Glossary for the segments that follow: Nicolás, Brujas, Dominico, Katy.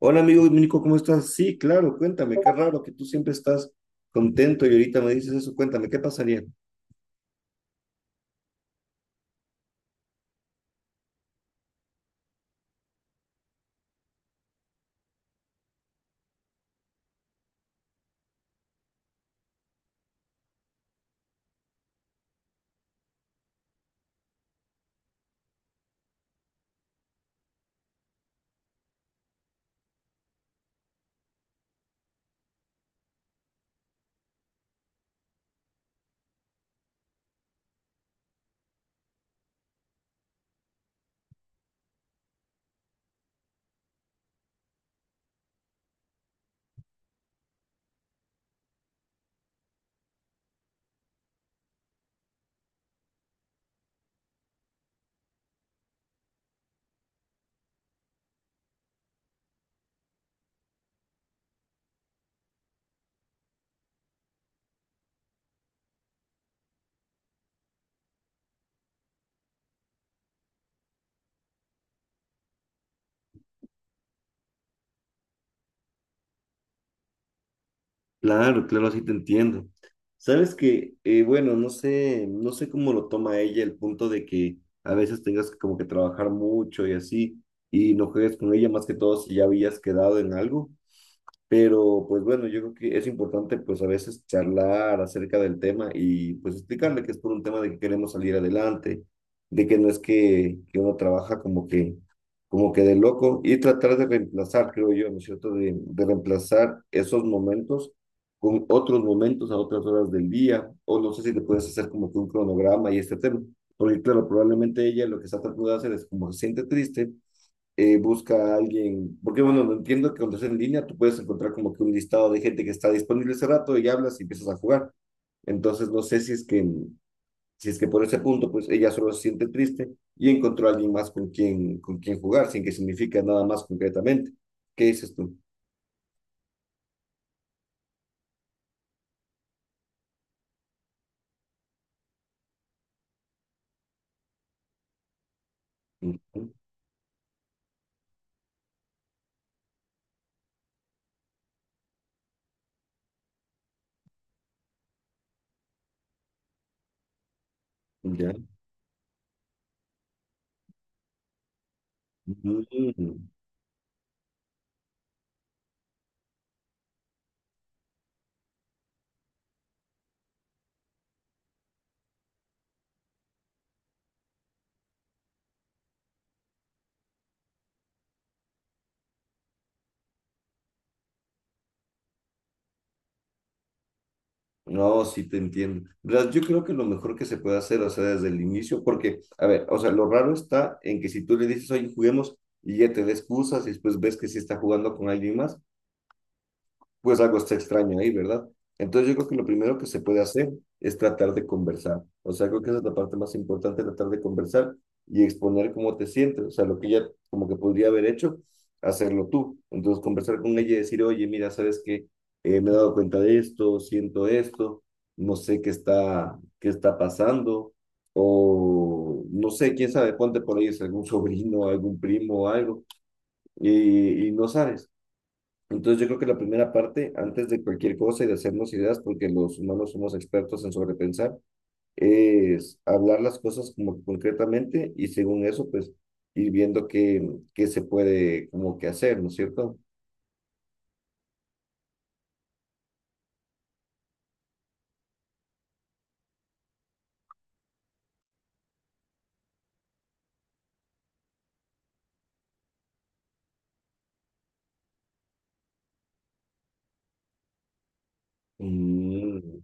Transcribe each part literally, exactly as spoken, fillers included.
Hola amigo Dominico, ¿cómo estás? Sí, claro, cuéntame, qué raro que tú siempre estás contento y ahorita me dices eso, cuéntame, ¿qué pasaría? Claro, claro, así te entiendo. Sabes que, eh, bueno, no sé, no sé cómo lo toma ella el punto de que a veces tengas que como que trabajar mucho y así, y no juegues con ella más que todo si ya habías quedado en algo. Pero pues bueno, yo creo que es importante pues a veces charlar acerca del tema y pues explicarle que es por un tema de que queremos salir adelante, de que no es que, que uno trabaja como que, como que de loco y tratar de reemplazar, creo yo, ¿no es cierto? De, de reemplazar esos momentos con otros momentos a otras horas del día, o no sé si te puedes hacer como que un cronograma y este tema, porque claro, probablemente ella lo que está tratando de hacer es como se siente triste, eh, busca a alguien, porque bueno, no entiendo que cuando estás en línea tú puedes encontrar como que un listado de gente que está disponible ese rato y hablas y empiezas a jugar. Entonces no sé si es que, si es que por ese punto pues ella solo se siente triste y encontró a alguien más con quien, con quien jugar, sin que significa nada más concretamente. ¿Qué dices tú? Ujú. Ya. Ujú. No, sí te entiendo, ¿verdad? Yo creo que lo mejor que se puede hacer, o sea, desde el inicio, porque, a ver, o sea, lo raro está en que si tú le dices, oye, juguemos, y ya te da excusas, y después ves que sí está jugando con alguien más, pues algo está extraño ahí, ¿verdad? Entonces yo creo que lo primero que se puede hacer es tratar de conversar. O sea, creo que esa es la parte más importante, tratar de conversar y exponer cómo te sientes. O sea, lo que ella como que podría haber hecho, hacerlo tú. Entonces conversar con ella y decir, oye, mira, ¿sabes qué? Eh, me he dado cuenta de esto, siento esto, no sé qué está, qué está pasando. O no sé, quién sabe, ponte por ahí es algún sobrino, algún primo o algo, y, y no sabes. Entonces yo creo que la primera parte, antes de cualquier cosa y de hacernos ideas, porque los humanos somos expertos en sobrepensar, es hablar las cosas como concretamente y según eso, pues ir viendo qué, qué se puede como que hacer, ¿no es cierto? Mm.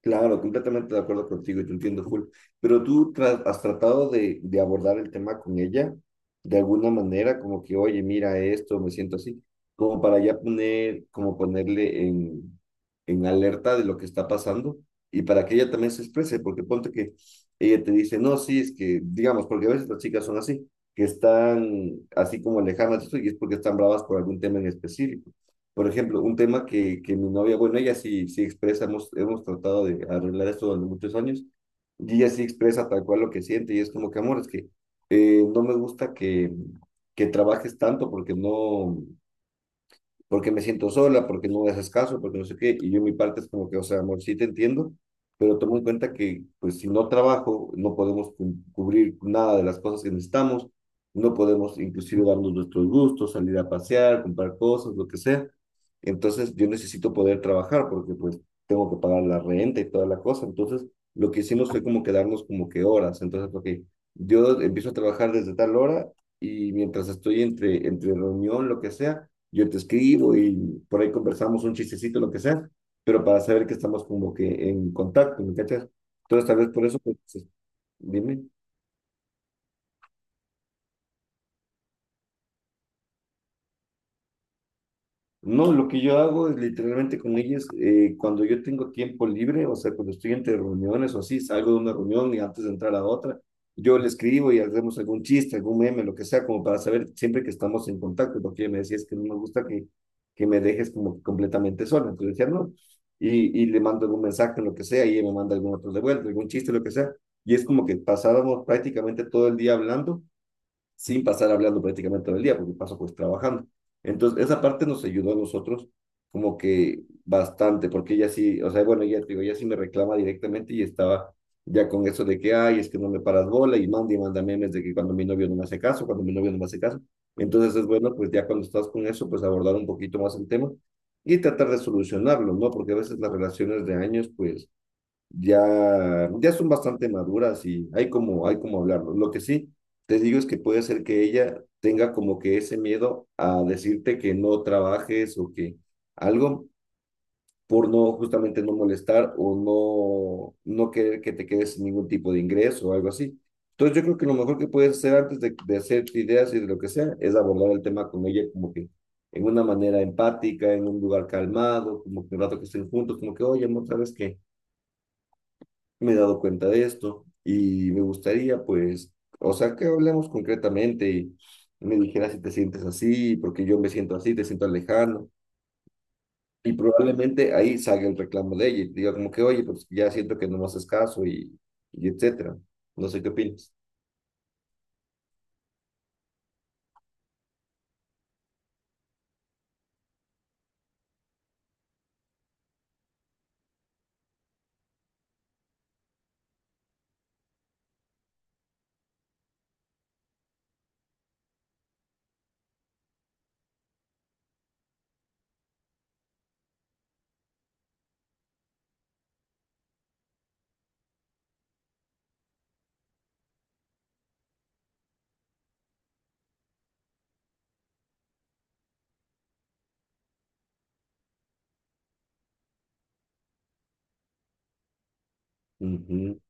Claro, completamente de acuerdo contigo y te entiendo full. Pero tú tra- has tratado de, de abordar el tema con ella de alguna manera, como que, oye, mira esto, me siento así, como para ya poner, como ponerle en, en alerta de lo que está pasando y para que ella también se exprese, porque ponte que ella te dice, no, sí, es que, digamos, porque a veces las chicas son así, que están así como lejanas de eso y es porque están bravas por algún tema en específico. Por ejemplo, un tema que, que mi novia, bueno, ella sí, sí expresa, hemos, hemos tratado de arreglar esto durante muchos años, y ella sí expresa tal cual lo que siente, y es como que, amor, es que eh, no me gusta que, que trabajes tanto porque no, porque me siento sola, porque no me haces caso, porque no sé qué, y yo en mi parte es como que, o sea, amor, sí te entiendo, pero tomo en cuenta que, pues, si no trabajo, no podemos cu- cubrir nada de las cosas que necesitamos, no podemos inclusive darnos nuestros gustos, salir a pasear, comprar cosas, lo que sea. Entonces, yo necesito poder trabajar porque, pues, tengo que pagar la renta y toda la cosa. Entonces, lo que hicimos fue como quedarnos como que horas. Entonces, ok, yo empiezo a trabajar desde tal hora y mientras estoy entre, entre reunión, lo que sea, yo te escribo y por ahí conversamos un chistecito, lo que sea, pero para saber que estamos como que en contacto, ¿me cachas? Entonces, tal vez por eso, pues, dime. No, lo que yo hago es literalmente con ellos, eh, cuando yo tengo tiempo libre, o sea, cuando estoy entre reuniones o así, salgo de una reunión y antes de entrar a otra, yo le escribo y hacemos algún chiste, algún meme, lo que sea, como para saber siempre que estamos en contacto, porque ella me decía, es que no me gusta que, que me dejes como completamente sola, entonces decía, no, y, y le mando algún mensaje, lo que sea, y ella me manda algún otro de vuelta, algún chiste, lo que sea, y es como que pasábamos prácticamente todo el día hablando sin pasar hablando prácticamente todo el día, porque paso pues trabajando. Entonces, esa parte nos ayudó a nosotros como que bastante, porque ella sí, o sea, bueno, ella, digo, ella sí me reclama directamente y estaba ya con eso de que, ay, es que no me paras bola y manda y manda memes de que cuando mi novio no me hace caso, cuando mi novio no me hace caso. Entonces es bueno, pues ya cuando estás con eso, pues abordar un poquito más el tema y tratar de solucionarlo, ¿no? Porque a veces las relaciones de años, pues ya, ya son bastante maduras y hay como, hay como hablarlo. Lo que sí te digo es que puede ser que ella tenga como que ese miedo a decirte que no trabajes o que algo por no justamente no molestar o no, no querer que te quedes sin ningún tipo de ingreso o algo así. Entonces yo creo que lo mejor que puedes hacer antes de, de hacerte ideas y de lo que sea es abordar el tema con ella como que en una manera empática, en un lugar calmado, como que un rato que estén juntos, como que, oye, amor, ¿sabes qué? Me he dado cuenta de esto y me gustaría, pues, o sea, que hablemos concretamente y me dijeras si te sientes así, porque yo me siento así, te siento alejado. Y probablemente ahí salga el reclamo de ella y te diga como que, oye, pues ya siento que no me haces caso y, y etcétera. No sé qué opinas. Ujú.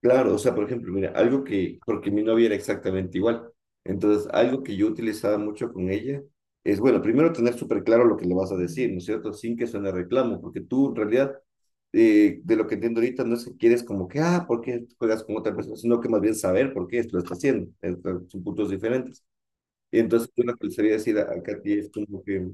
Claro, o sea, por ejemplo, mira, algo que, porque mi novia era exactamente igual. Entonces, algo que yo utilizaba mucho con ella es, bueno, primero tener súper claro lo que le vas a decir, ¿no es cierto? Sin que suene reclamo, porque tú en realidad, eh, de lo que entiendo ahorita, no es que quieres como que, ah, ¿por qué juegas con otra persona? Sino que más bien saber por qué esto lo está haciendo. Entonces, son puntos diferentes. Y entonces, yo lo que le sería decir a, a Katy es como que,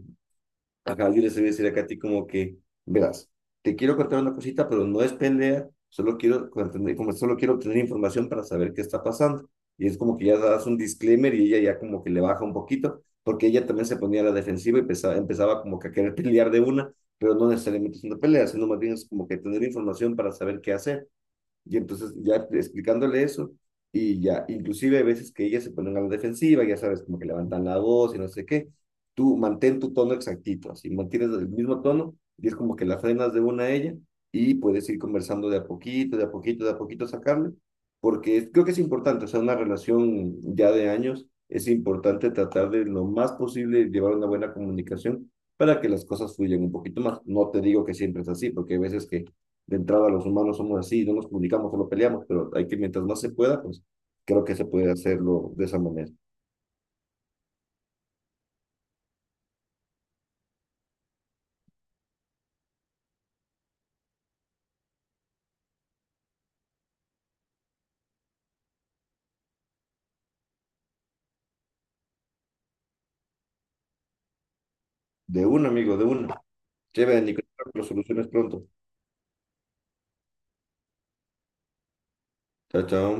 ajá, yo les voy a decir acá a ti como que, verás, te quiero contar una cosita, pero no es pelea, solo quiero, contener- como solo quiero obtener información para saber qué está pasando. Y es como que ya das un disclaimer y ella ya como que le baja un poquito, porque ella también se ponía a la defensiva y empezaba, empezaba como que a querer pelear de una, pero no necesariamente es una pelea, sino más bien es como que tener información para saber qué hacer. Y entonces ya explicándole eso, y ya, inclusive hay veces que ellas se ponen a la defensiva, ya sabes, como que levantan la voz y no sé qué, tú mantén tu tono exactito, así mantienes el mismo tono y es como que la frenas de una a ella y puedes ir conversando de a poquito, de a poquito, de a poquito sacarle, porque es- creo que es importante, o sea, una relación ya de años, es importante tratar de lo más posible llevar una buena comunicación para que las cosas fluyan un poquito más. No te digo que siempre es así, porque hay veces que de entrada los humanos somos así, no nos comunicamos, solo peleamos, pero hay que, mientras más se pueda, pues creo que se puede hacerlo de esa manera. De una, amigo, de una. Chévere, Nicolás, pero soluciones pronto. Chao, chao.